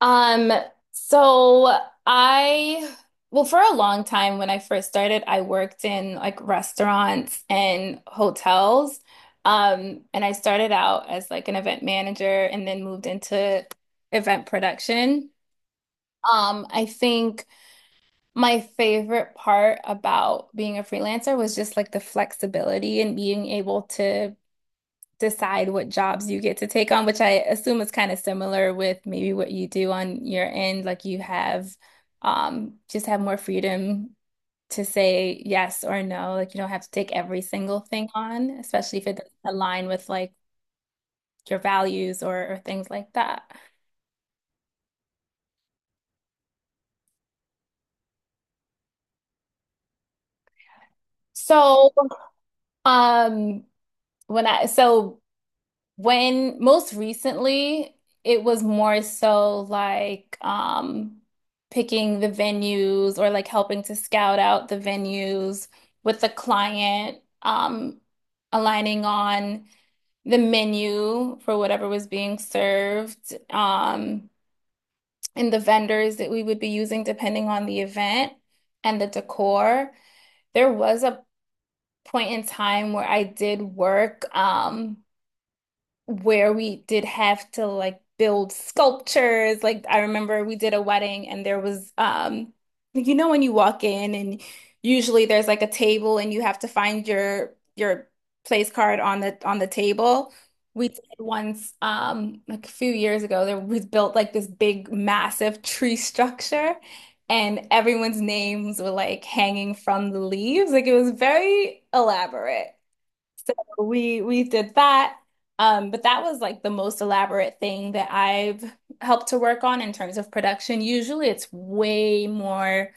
Um, so I, well, for a long time when I first started, I worked in like restaurants and hotels. And I started out as like an event manager and then moved into event production. I think my favorite part about being a freelancer was just like the flexibility and being able to decide what jobs you get to take on, which I assume is kind of similar with maybe what you do on your end. Like you have more freedom to say yes or no. Like you don't have to take every single thing on, especially if it doesn't align with like your values or things like that. So um when I so When most recently, it was more so like picking the venues or like helping to scout out the venues with the client, aligning on the menu for whatever was being served, and the vendors that we would be using depending on the event and the decor. There was a point in time where I did work, where we did have to like build sculptures. Like I remember we did a wedding, and there was you know when you walk in, and usually there's like a table and you have to find your place card on the table. We did once like a few years ago there was built like this big massive tree structure, and everyone's names were like hanging from the leaves. Like it was very elaborate. We did that. But that was like the most elaborate thing that I've helped to work on in terms of production. Usually it's way more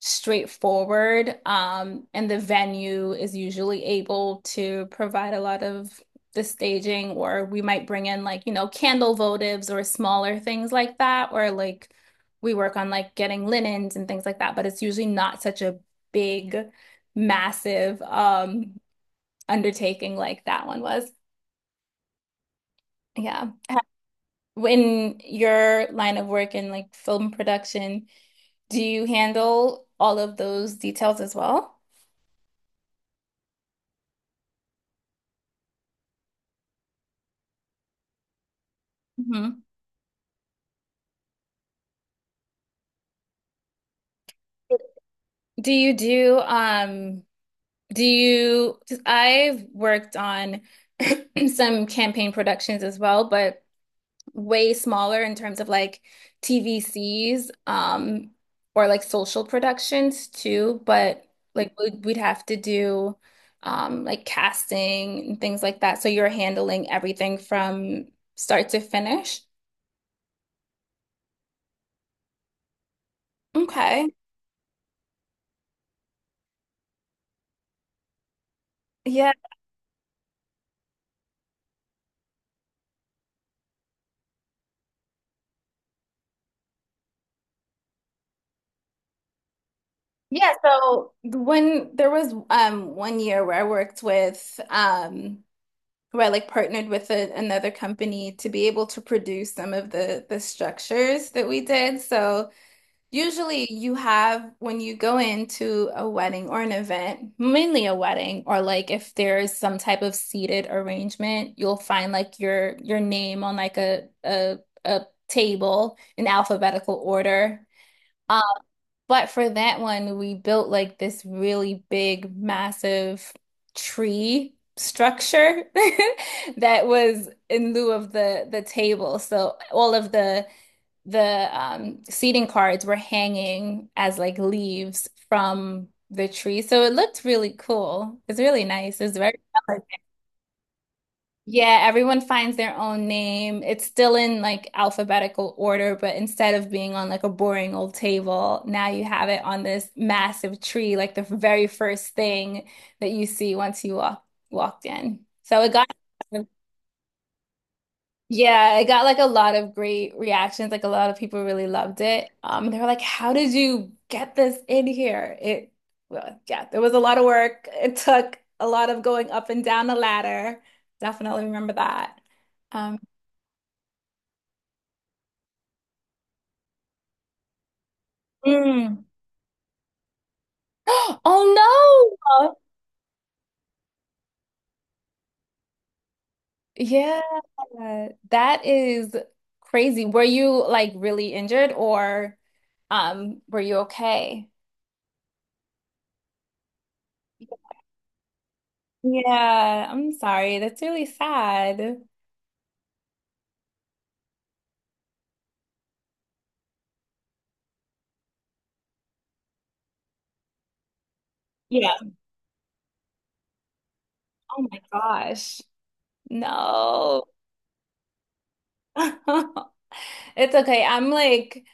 straightforward. And the venue is usually able to provide a lot of the staging, or we might bring in like, you know, candle votives or smaller things like that, or like we work on like getting linens and things like that, but it's usually not such a big massive undertaking like that one was. Yeah. In your line of work in like film production, do you handle all of those details as well? Hmm. Do you do um do you 'cause I've worked on some campaign productions as well, but way smaller in terms of like TVCs or like social productions too, but like we'd have to do like casting and things like that. So you're handling everything from start to finish. Okay. Yeah. Yeah, so when there was one year where I worked with where I like partnered with another company to be able to produce some of the structures that we did. So usually, you have when you go into a wedding or an event, mainly a wedding, or like if there's some type of seated arrangement, you'll find like your name on like a table in alphabetical order. Um, but for that one, we built like this really big, massive tree structure that was in lieu of the table. So all of the seating cards were hanging as like leaves from the tree. So it looked really cool. It's really nice. Yeah, everyone finds their own name. It's still in like alphabetical order, but instead of being on like a boring old table, now you have it on this massive tree, like the very first thing that you see once you walked in. So it got Yeah, it got like a lot of great reactions. Like a lot of people really loved it. They were like, "How did you get this in here?" Well, yeah, there was a lot of work. It took a lot of going up and down the ladder. Definitely remember that. Um, Mm. Oh no! Yeah, that is crazy. Were you like really injured or were you okay? Yeah, I'm sorry. That's really sad. Yeah. Oh my gosh. No. It's okay. I'm like,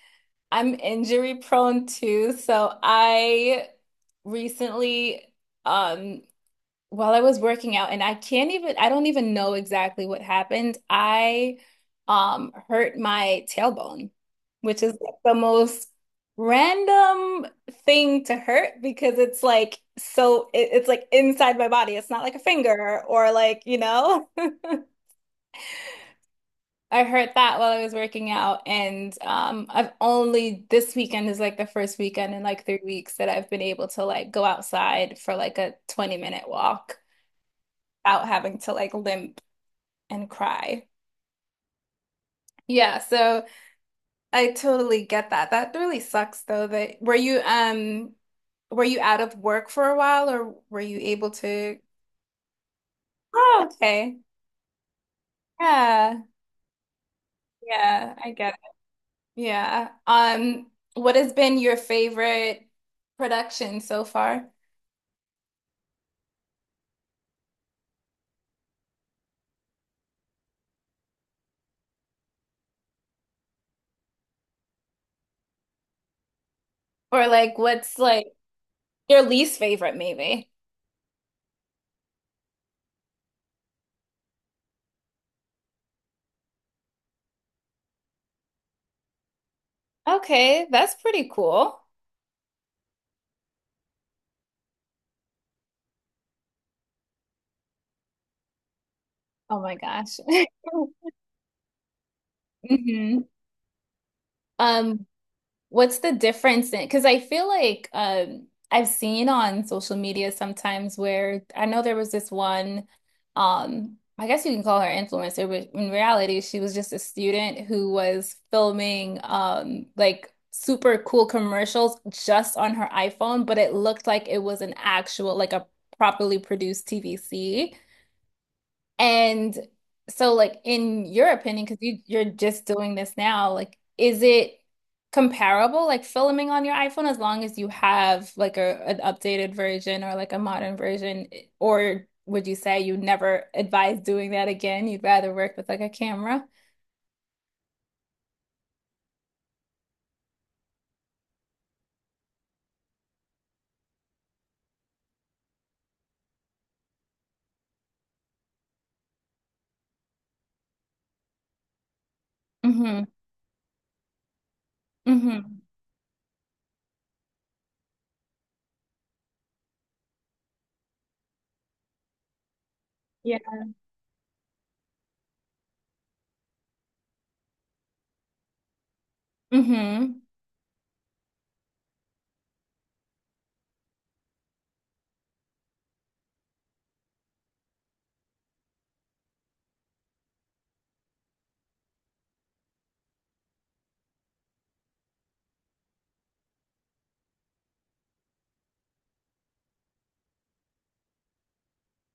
I'm injury prone too. So I recently, um, while I was working out, and I don't even know exactly what happened. I hurt my tailbone, which is like the most random thing to hurt because it's like it's like inside my body. It's not like a finger or like. I heard that while I was working out, and I've only this weekend is like the first weekend in like 3 weeks that I've been able to like go outside for like a 20-minute walk without having to like limp and cry. Yeah, so I totally get that. That really sucks though that were you out of work for a while or were you able to? Oh, okay. Yeah. Yeah, I get it. Yeah. What has been your favorite production so far? Or like what's like your least favorite maybe? Okay, that's pretty cool. Oh my gosh. Hmm. Um, What's the difference in? Because I feel like I've seen on social media sometimes where I know there was this one, I guess you can call her influencer, but in reality, she was just a student who was filming like super cool commercials just on her iPhone, but it looked like it was an actual, like a properly produced TVC. And so, like, in your opinion, because you're just doing this now, like, is it comparable, like filming on your iPhone, as long as you have like a an updated version or like a modern version, or would you say you never advise doing that again? You'd rather work with like a camera? Mm-hmm. Mm-hmm. Yeah. Mm-hmm.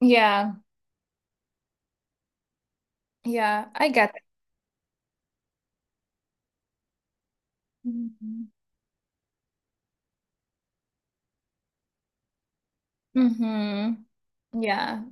Yeah. Yeah. I get that. Mm-hmm. Mm-hmm. Yeah.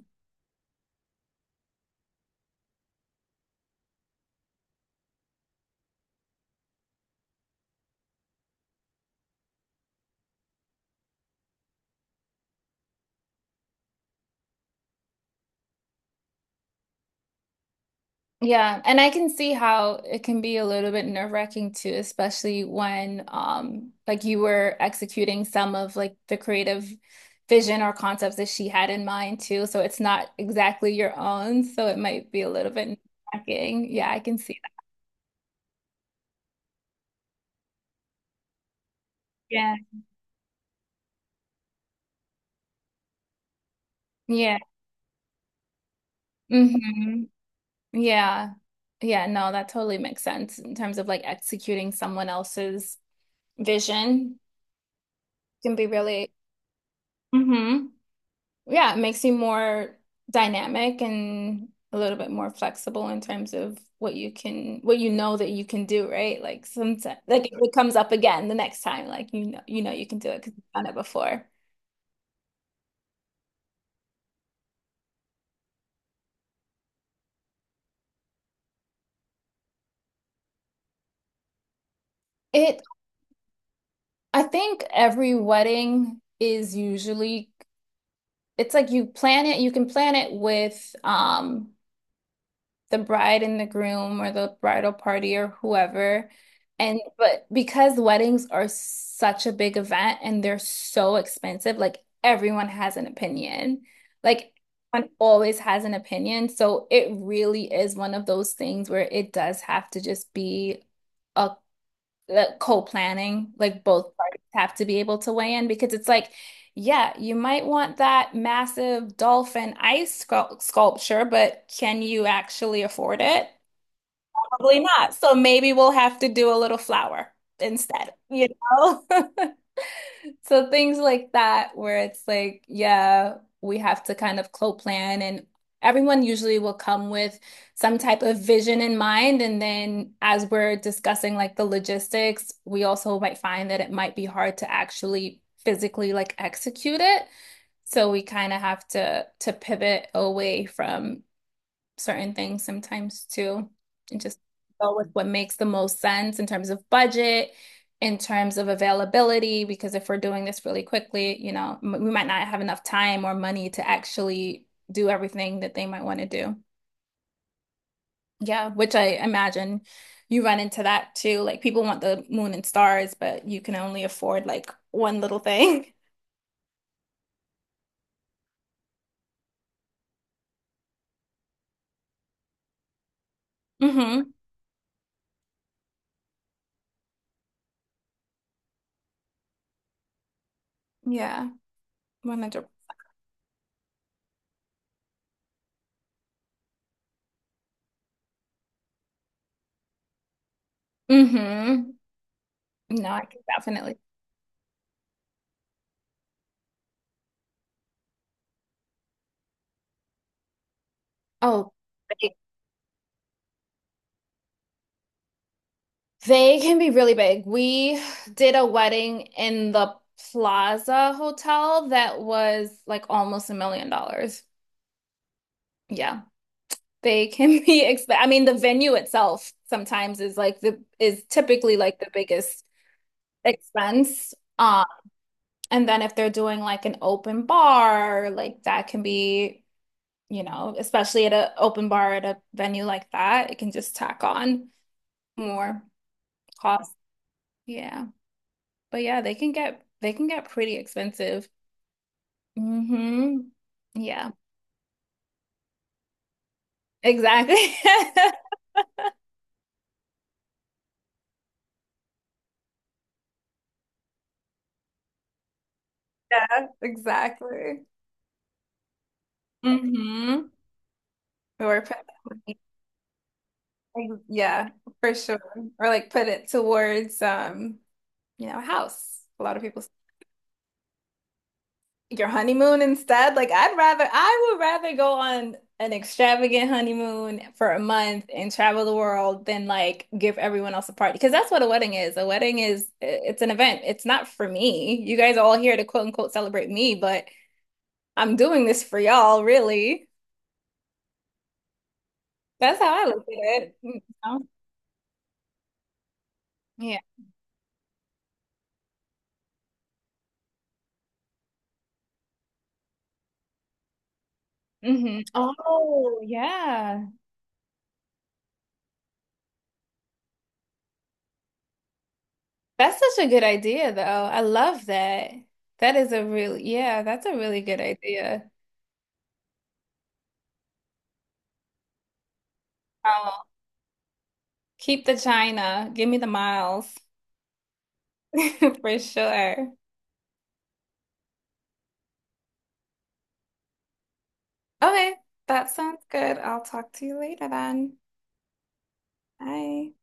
Yeah, and I can see how it can be a little bit nerve-wracking too, especially when like you were executing some of like the creative vision or concepts that she had in mind too. So it's not exactly your own, so it might be a little bit nerve-wracking. Yeah, I can see that. Yeah. Yeah. Hmm. Yeah. Yeah, no, that totally makes sense in terms of like executing someone else's vision can be really. hmm yeah, it makes you more dynamic and a little bit more flexible in terms of what you know that you can do, right? Like sometimes, like if it comes up again the next time, you know you can do it because you've done it before. It, I think every wedding is usually, it's like you plan it, you can plan it with the bride and the groom or the bridal party or whoever. And but because weddings are such a big event and they're so expensive, like everyone has an opinion. Like everyone always has an opinion. So it really is one of those things where it does have to just be a the co-planning, like both parties have to be able to weigh in because it's like, yeah, you might want that massive dolphin ice sculpture, but can you actually afford it? Probably not. So maybe we'll have to do a little flower instead, you know? So things like that, where it's like, yeah, we have to kind of co-plan, and everyone usually will come with some type of vision in mind. And then as we're discussing like the logistics, we also might find that it might be hard to actually physically like execute it. So we kind of have to pivot away from certain things sometimes too, and just go with what makes the most sense in terms of budget, in terms of availability, because if we're doing this really quickly, we might not have enough time or money to actually do everything that they might want to do. Yeah, which I imagine you run into that too. Like people want the moon and stars, but you can only afford like one little thing. Mm-hmm. Yeah, 100. Mm-hmm. No, I can definitely. Oh, they can be really big. We did a wedding in the Plaza Hotel that was like almost $1 million. Yeah, they can be expensive. I mean, the venue itself sometimes is like the is typically like the biggest expense. And then if they're doing like an open bar, like that can be, especially at an open bar at a venue like that, it can just tack on more cost. Yeah. But yeah, they can get pretty expensive. Hmm. Yeah, exactly. Yeah, exactly. Hmm. Or put Ex- yeah, for sure. Or like put it towards a house. A lot of people Your honeymoon instead? Like I would rather go on an extravagant honeymoon for a month and travel the world than like give everyone else a party because that's what a wedding is. A wedding is it's an event. It's not for me. You guys are all here to quote unquote celebrate me, but I'm doing this for y'all, really. That's how I look at it. You know? Yeah. Hmm. Oh, yeah. That's such a good idea though. I love that. Yeah, that's a really good idea. Um, Keep the China. Give me the miles for sure. Okay, that sounds good. I'll talk to you later then. Bye.